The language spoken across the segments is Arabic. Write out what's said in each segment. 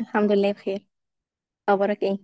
الحمد لله بخير. اخبارك ايه؟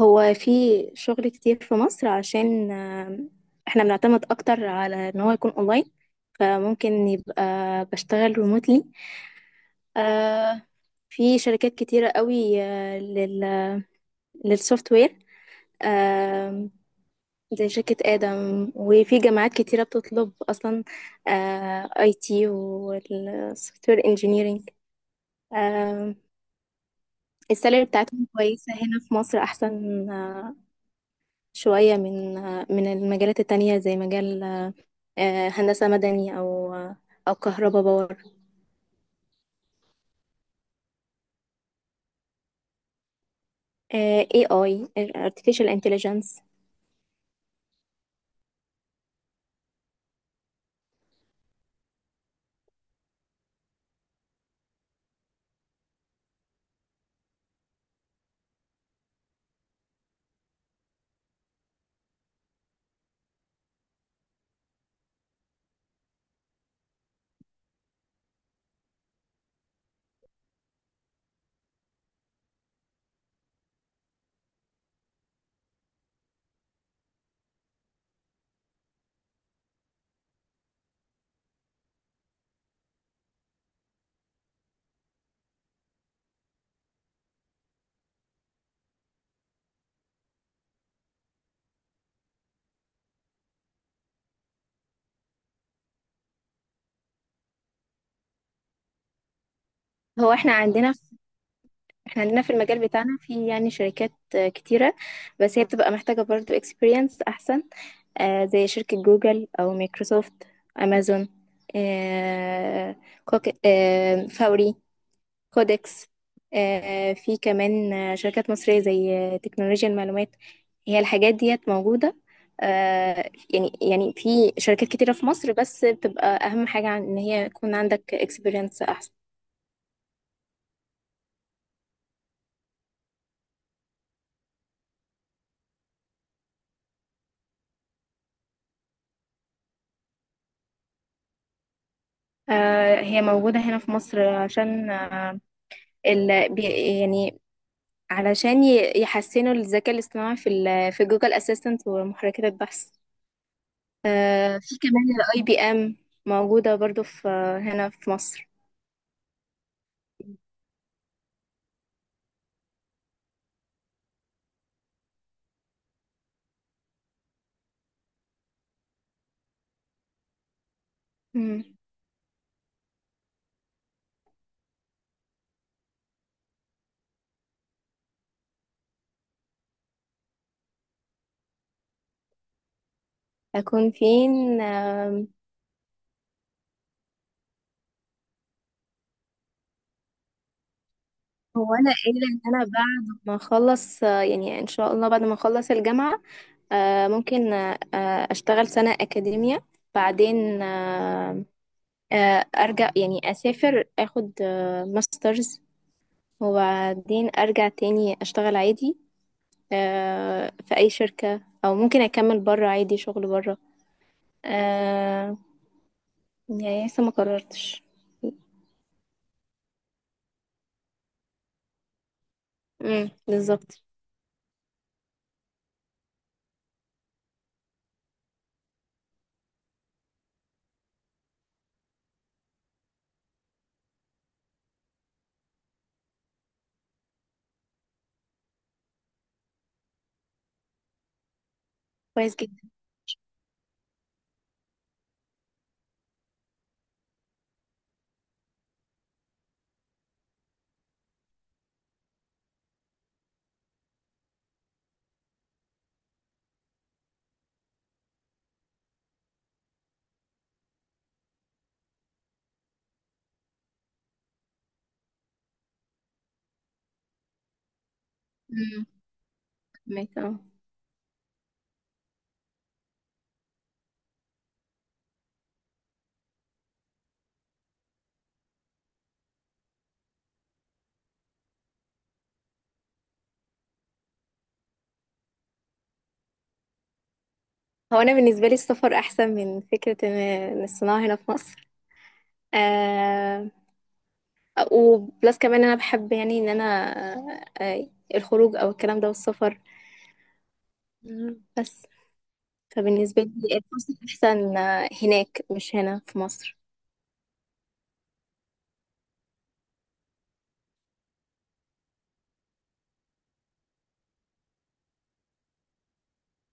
هو في شغل كتير في مصر عشان احنا بنعتمد اكتر على ان هو يكون اونلاين، فممكن يبقى بشتغل ريموتلي في شركات كتيرة قوي آه، لل للسوفت وير. آه، زي شركة آدم، وفي جامعات كتيرة بتطلب أصلا اي تي والسوفت وير انجينيرنج. السالري بتاعتهم كويسة هنا في مصر أحسن شوية من المجالات التانية، زي مجال هندسة مدني، أو كهرباء باور. AI. Artificial Intelligence. هو احنا عندنا احنا عندنا في المجال بتاعنا، في يعني شركات كتيرة، بس هي بتبقى محتاجة برضو experience أحسن، زي شركة جوجل أو مايكروسوفت، أمازون، آه، فوري، كودكس، في كمان شركات مصرية زي تكنولوجيا المعلومات. هي الحاجات ديت موجودة، يعني في شركات كتيرة في مصر، بس بتبقى أهم حاجة عن إن هي يكون عندك اكسبيرينس أحسن. هي موجودة هنا في مصر عشان يعني علشان يحسنوا الذكاء الاصطناعي في في جوجل اسيستنت ومحركات البحث. في كمان الاي بي ام موجودة برضو في آه، هنا في مصر. مم. أكون فين هو أنا قايلة إن أنا بعد ما أخلص يعني إن شاء الله بعد ما أخلص الجامعة، آه، ممكن آه، آه، أشتغل سنة أكاديمية، بعدين أرجع، يعني أسافر أخد ماسترز، وبعدين أرجع تاني أشتغل عادي في أي شركة، أو ممكن أكمل برا عادي شغل برا. آه، يعني لسه ما قررتش. مم، بالظبط. كويس جدا. مم، فهمك، آه. هو انا بالنسبه لي السفر احسن من فكره إن الصناعه هنا في مصر. آه وبلس كمان انا بحب، يعني ان انا، آه الخروج او الكلام ده والسفر. مم. بس فبالنسبه لي الفرصه احسن هناك مش هنا في مصر.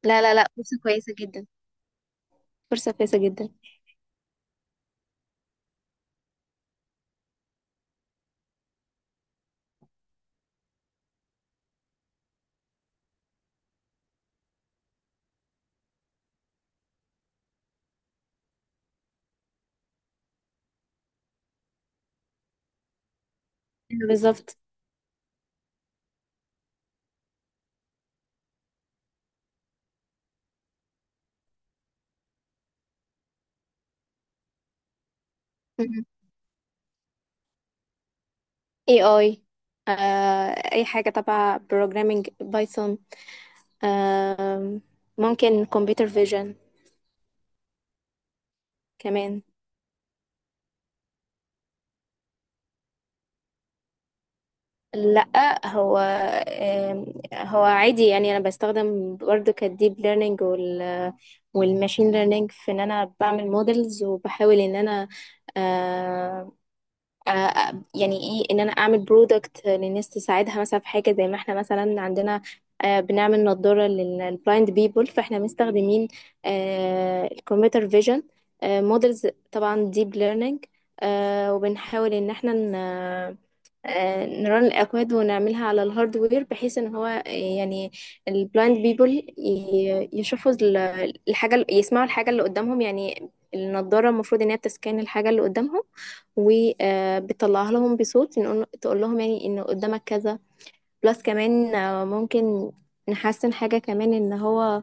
لا لا لا، فرصه كويسه جدا، فرصه كويسه جدا. أيوة بالظبط. مم. اي اي آه اي حاجه تبع بروجرامينج بايثون، آه ممكن كمبيوتر فيجن كمان. لا، آم، هو عادي، يعني انا بستخدم برضو كالديب ليرنينج والماشين ليرنينج، في ان انا بعمل مودلز، وبحاول ان انا آه، يعني ايه ان انا اعمل برودكت للناس تساعدها، مثلا في حاجه زي ما احنا مثلا عندنا بنعمل نضاره للبلايند بيبول، فاحنا مستخدمين الكمبيوتر فيجن مودلز، طبعا ديب ليرنينج، وبنحاول ان احنا نرن الأكواد ونعملها على الهاردوير، بحيث ان هو يعني البلايند بيبل يشوفوا الحاجة يسمعوا الحاجة اللي قدامهم، يعني النضارة المفروض ان هي بتسكان الحاجة اللي قدامهم، وبتطلعها لهم بصوت، تقول لهم يعني ان قدامك كذا. بلس كمان ممكن نحسن حاجة كمان، ان هو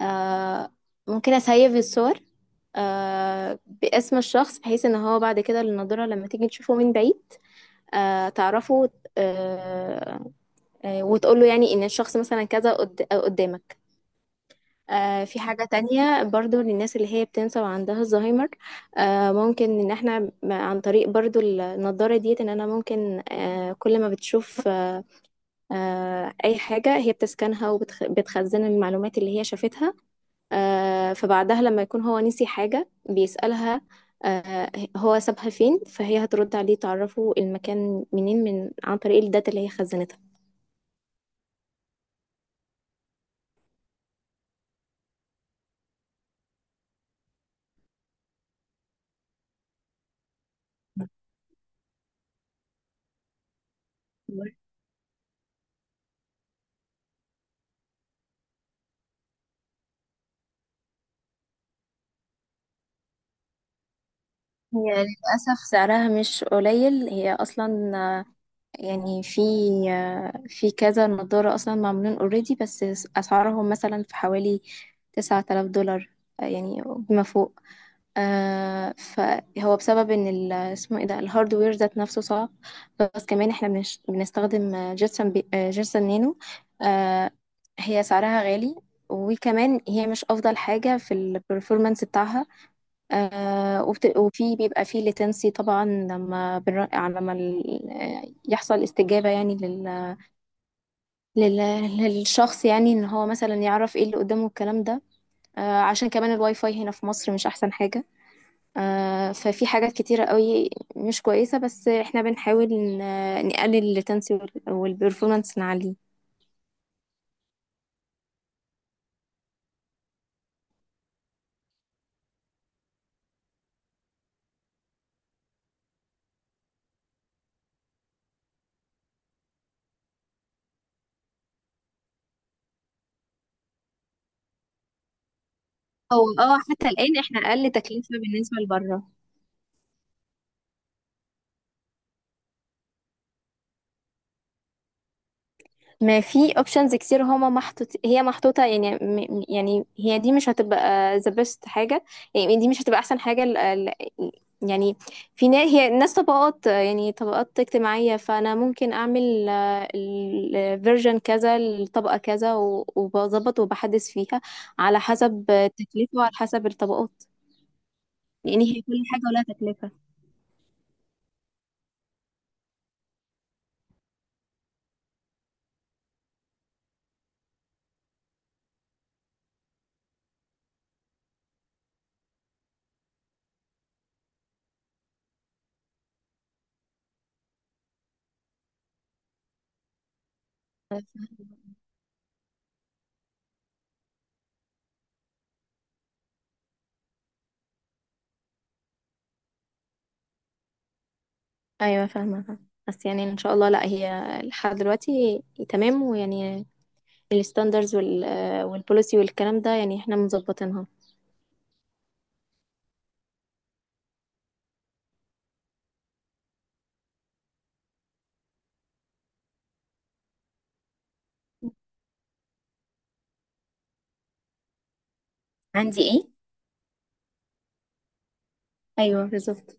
آه، ممكن اسيف الصور باسم الشخص، بحيث ان هو بعد كده النضارة لما تيجي تشوفه من بعيد تعرفه، آه، وتقول له يعني ان الشخص مثلا كذا قدامك. في حاجة تانية برضو للناس اللي هي بتنسى وعندها الزهايمر. ممكن ان احنا عن طريق برضو النضارة ديت، ان انا ممكن كل ما بتشوف اي حاجة هي بتسكنها وبتخزن المعلومات اللي هي شافتها. فبعدها لما يكون هو نسي حاجة بيسألها آه، هو سابها فين، فهي هترد عليه تعرفه المكان منين، من عن طريق الداتا اللي هي خزنتها. هي للأسف سعرها مش قليل، هي أصلا يعني، في كذا نظارة أصلا معمولين اوريدي، بس أسعارهم مثلا في حوالي 9000 دولار، يعني بما فوق. فهو بسبب ان اسمه ايه ده، الهاردوير ذات نفسه صعب. بس كمان احنا بنستخدم جيرسن بي آه، جيرسن نانو. آه هي سعرها غالي، وكمان هي مش افضل حاجه في البرفورمانس بتاعها. وفي بيبقى فيه لاتنسي، طبعا لما بنر... لما ال... آه، يحصل استجابه يعني لل... للشخص، يعني ان هو مثلا يعرف ايه اللي قدامه الكلام ده. عشان كمان الواي فاي هنا في مصر مش احسن حاجه. ففي حاجات كتيرة قوي مش كويسة، بس احنا بنحاول نقلل التنسي والبرفورمانس نعليه. هو حتى الآن احنا أقل تكلفة بالنسبة لبره. ما في اوبشنز كتير، هما محطوط هي محطوطة، يعني يعني هي دي مش هتبقى the best حاجة، يعني دي مش هتبقى احسن حاجة. يعني في ناس، هي ناس طبقات، يعني طبقات اجتماعية، فانا ممكن اعمل الفيرجن كذا، الطبقة كذا، وبظبط وبحدث فيها على حسب التكلفة وعلى حسب الطبقات. لان هي كل حاجة ولها تكلفة. ايوه، فاهمة فاهمة. بس يعني ان شاء الله، لا هي لحد دلوقتي تمام، ويعني الستاندرز والبوليسي والكلام ده يعني احنا مظبطينها. عندي ايه؟ ايوه بالظبط.